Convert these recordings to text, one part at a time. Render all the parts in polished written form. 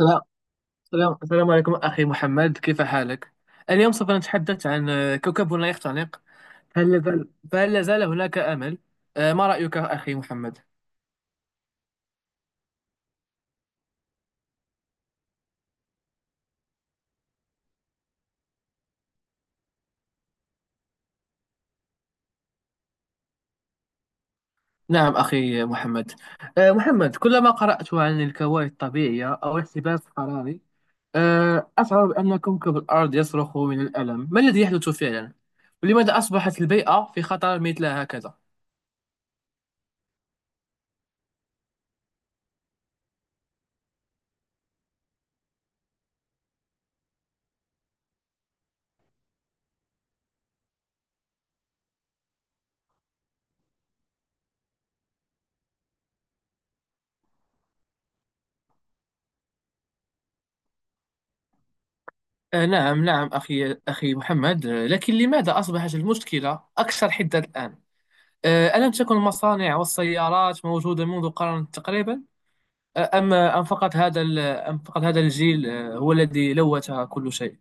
السلام السلام عليكم أخي محمد، كيف حالك؟ اليوم سوف نتحدث عن كوكبنا يختنق. هل لازال فهل لازال هناك أمل؟ ما رأيك أخي محمد؟ نعم أخي محمد. محمد، كلما قرأت عن الكوارث الطبيعية أو الاحتباس الحراري أشعر بأن كوكب الأرض يصرخ من الألم. ما الذي يحدث فعلا؟ ولماذا أصبحت البيئة في خطر مثل هكذا؟ نعم نعم أخي محمد، لكن لماذا أصبحت المشكلة أكثر حدة الآن؟ ألم تكن المصانع والسيارات موجودة منذ قرن تقريبا؟ آه، أم أم فقط هذا ال- أم فقط هذا الجيل هو الذي لوث كل شيء؟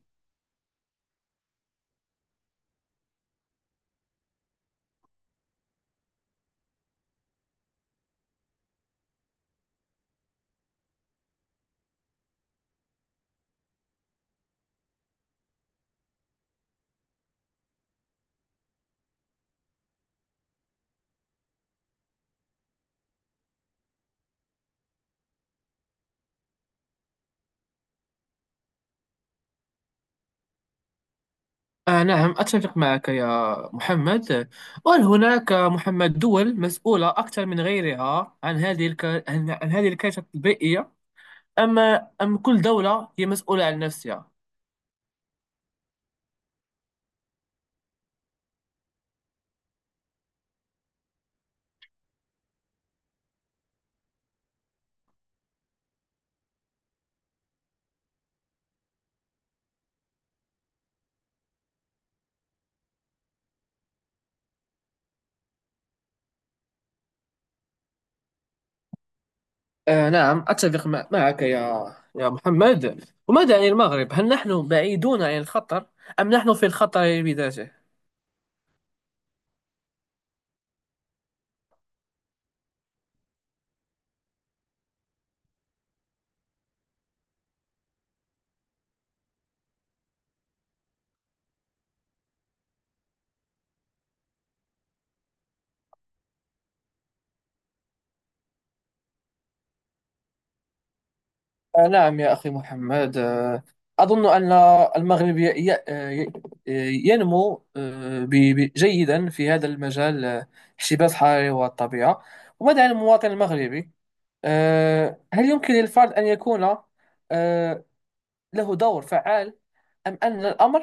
آه، نعم أتفق معك يا محمد. وهل هناك محمد دول مسؤولة أكثر من غيرها عن هذه الكارثة البيئية، أم أم كل دولة هي مسؤولة عن نفسها؟ آه، نعم أتفق معك يا محمد. وماذا عن المغرب، هل نحن بعيدون عن الخطر أم نحن في الخطر بذاته؟ نعم يا أخي محمد، أظن أن المغرب ي- آه، ينمو جيدا في هذا المجال. احتباس الحراري والطبيعة، وماذا عن المواطن المغربي؟ هل يمكن للفرد أن يكون آه، له دور فعال، أم أن الأمر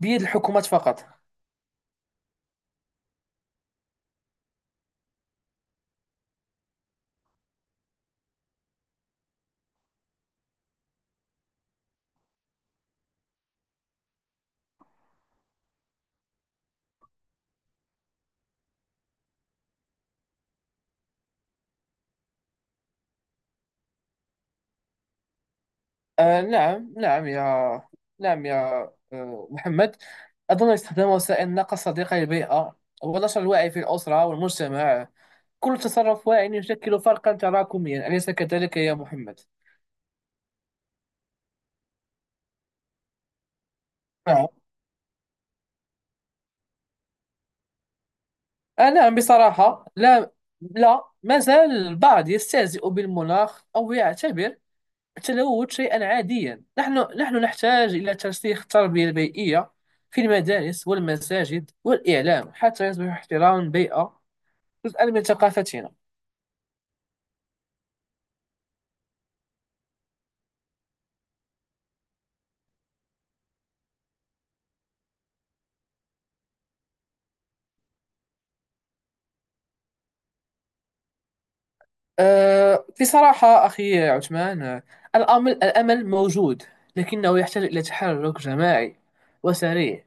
بيد الحكومات فقط؟ آه، نعم نعم يا، نعم يا، محمد، أظن استخدام وسائل النقل صديقة للبيئة ونشر الوعي في الأسرة والمجتمع، كل تصرف واعي يشكل فرقا تراكميا، أليس كذلك يا محمد؟ نعم. آه، نعم بصراحة لا، لا، ما زال البعض يستهزئ بالمناخ أو يعتبر التلوث شيئا عاديا. نحن نحتاج إلى ترسيخ التربية البيئية في المدارس والمساجد والإعلام حتى يصبح احترام البيئة جزءا من ثقافتنا. بصراحة أخي عثمان، الأمل موجود، لكنه يحتاج إلى تحرك جماعي وسريع.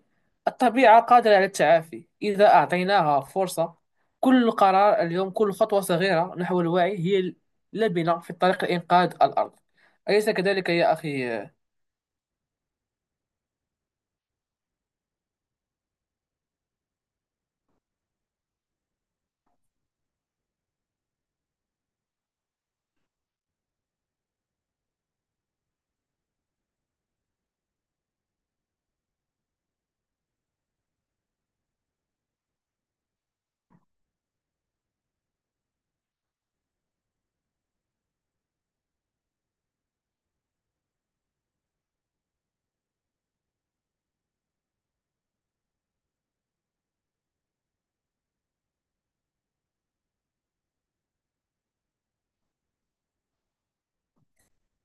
الطبيعة قادرة على التعافي إذا أعطيناها فرصة. كل قرار اليوم، كل خطوة صغيرة نحو الوعي هي لبنة في طريق لإنقاذ الأرض، أليس كذلك يا أخي؟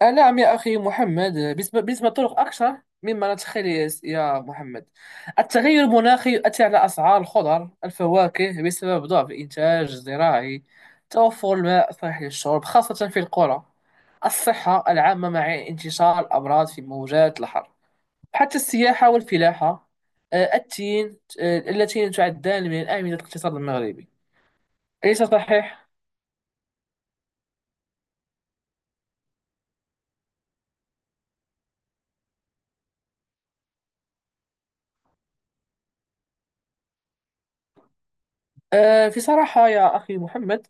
آه، نعم يا أخي محمد. بالنسبة للطرق أكثر مما نتخيل يا محمد. التغير المناخي يؤثر على أسعار الخضر الفواكه بسبب ضعف الإنتاج الزراعي، توفر الماء صحي للشرب خاصة في القرى، الصحة العامة مع انتشار الأمراض في موجات الحر، حتى السياحة والفلاحة التين اللتين تعدان من الأعمدة الاقتصاد المغربي، أليس صحيح؟ في صراحة يا أخي محمد،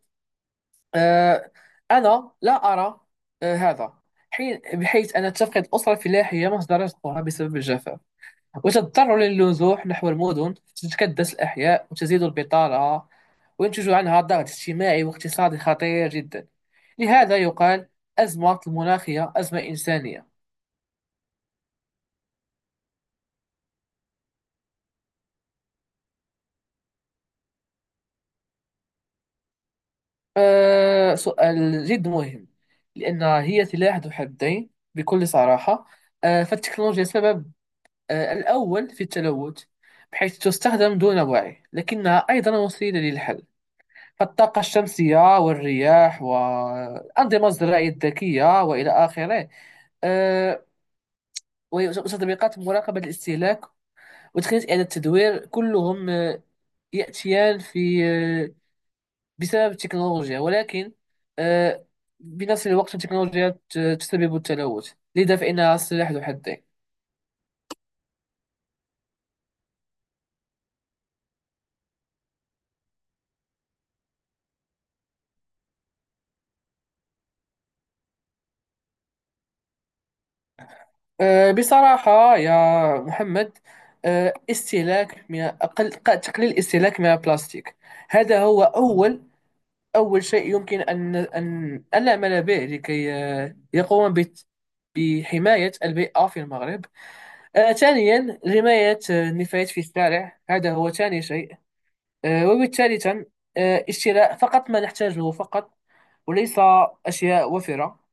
آه، أنا لا أرى هذا حين، بحيث أن تفقد الأسرة الفلاحية مصدر رزقها بسبب الجفاف وتضطر للنزوح نحو المدن، تتكدس الأحياء وتزيد البطالة وينتج عنها ضغط اجتماعي واقتصادي خطير جدا. لهذا يقال أزمة المناخية أزمة إنسانية. أه، سؤال جد مهم، لأن هي سلاح ذو حدين بكل صراحة. أه، فالتكنولوجيا سبب الأول في التلوث، بحيث تستخدم دون وعي، لكنها أيضا وسيلة للحل. فالطاقة الشمسية والرياح والأنظمة الزراعية الذكية وإلى آخره، آه، وتطبيقات مراقبة الاستهلاك وتقنية إعادة التدوير كلهم يأتيان في آه، بسبب التكنولوجيا، ولكن آه، بنفس الوقت التكنولوجيا تسبب التلوث، لذا فإنها سلاح ذو حدين. بصراحة يا محمد، آه، استهلاك من أقل ق- تقليل الاستهلاك من البلاستيك، هذا هو أول شيء يمكن أن نعمل به لكي يقوم بحماية البيئة في المغرب. ثانيا، حماية النفايات في الشارع، هذا هو ثاني شيء. وبالتالي اشتراء فقط ما نحتاجه فقط، وليس أشياء وفرة،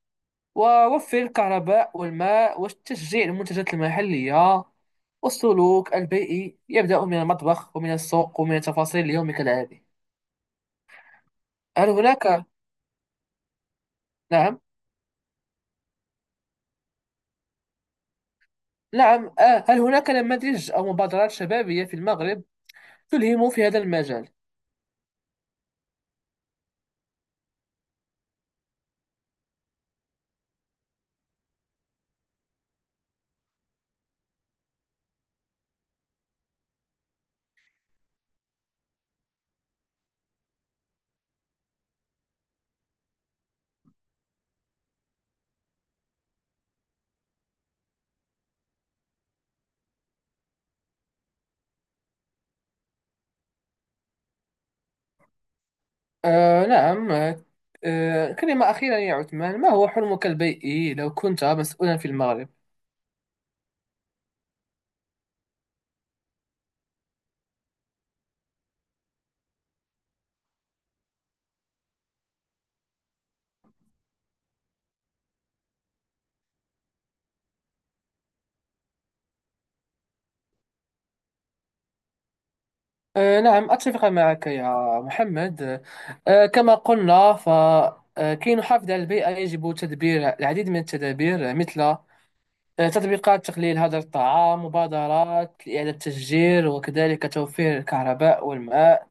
ووفر الكهرباء والماء وتشجيع المنتجات المحلية. والسلوك البيئي يبدأ من المطبخ ومن السوق ومن تفاصيل اليوم كالعادي. هل هناك، نعم، نعم. هل هناك نماذج أو مبادرات شبابية في المغرب تلهم في هذا المجال؟ آه، نعم، آه. كلمة أخيرة يا عثمان، ما هو حلمك البيئي لو كنت مسؤولا في المغرب؟ نعم أتفق معك يا محمد. كما قلنا فكي نحافظ على البيئة يجب تدبير العديد من التدابير، مثل تطبيقات تقليل هدر الطعام، مبادرات لإعادة التشجير، وكذلك توفير الكهرباء والماء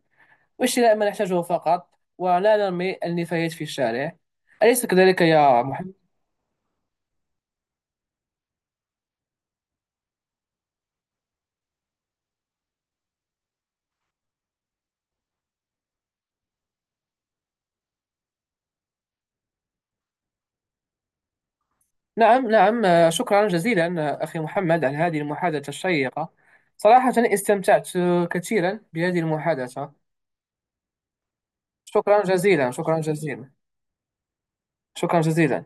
وشراء ما نحتاجه فقط ولا نرمي النفايات في الشارع، أليس كذلك يا محمد؟ نعم نعم. شكرا جزيلا أخي محمد على هذه المحادثة الشيقة، صراحة استمتعت كثيرا بهذه المحادثة. شكرا جزيلا، شكرا جزيلا، شكرا جزيلا.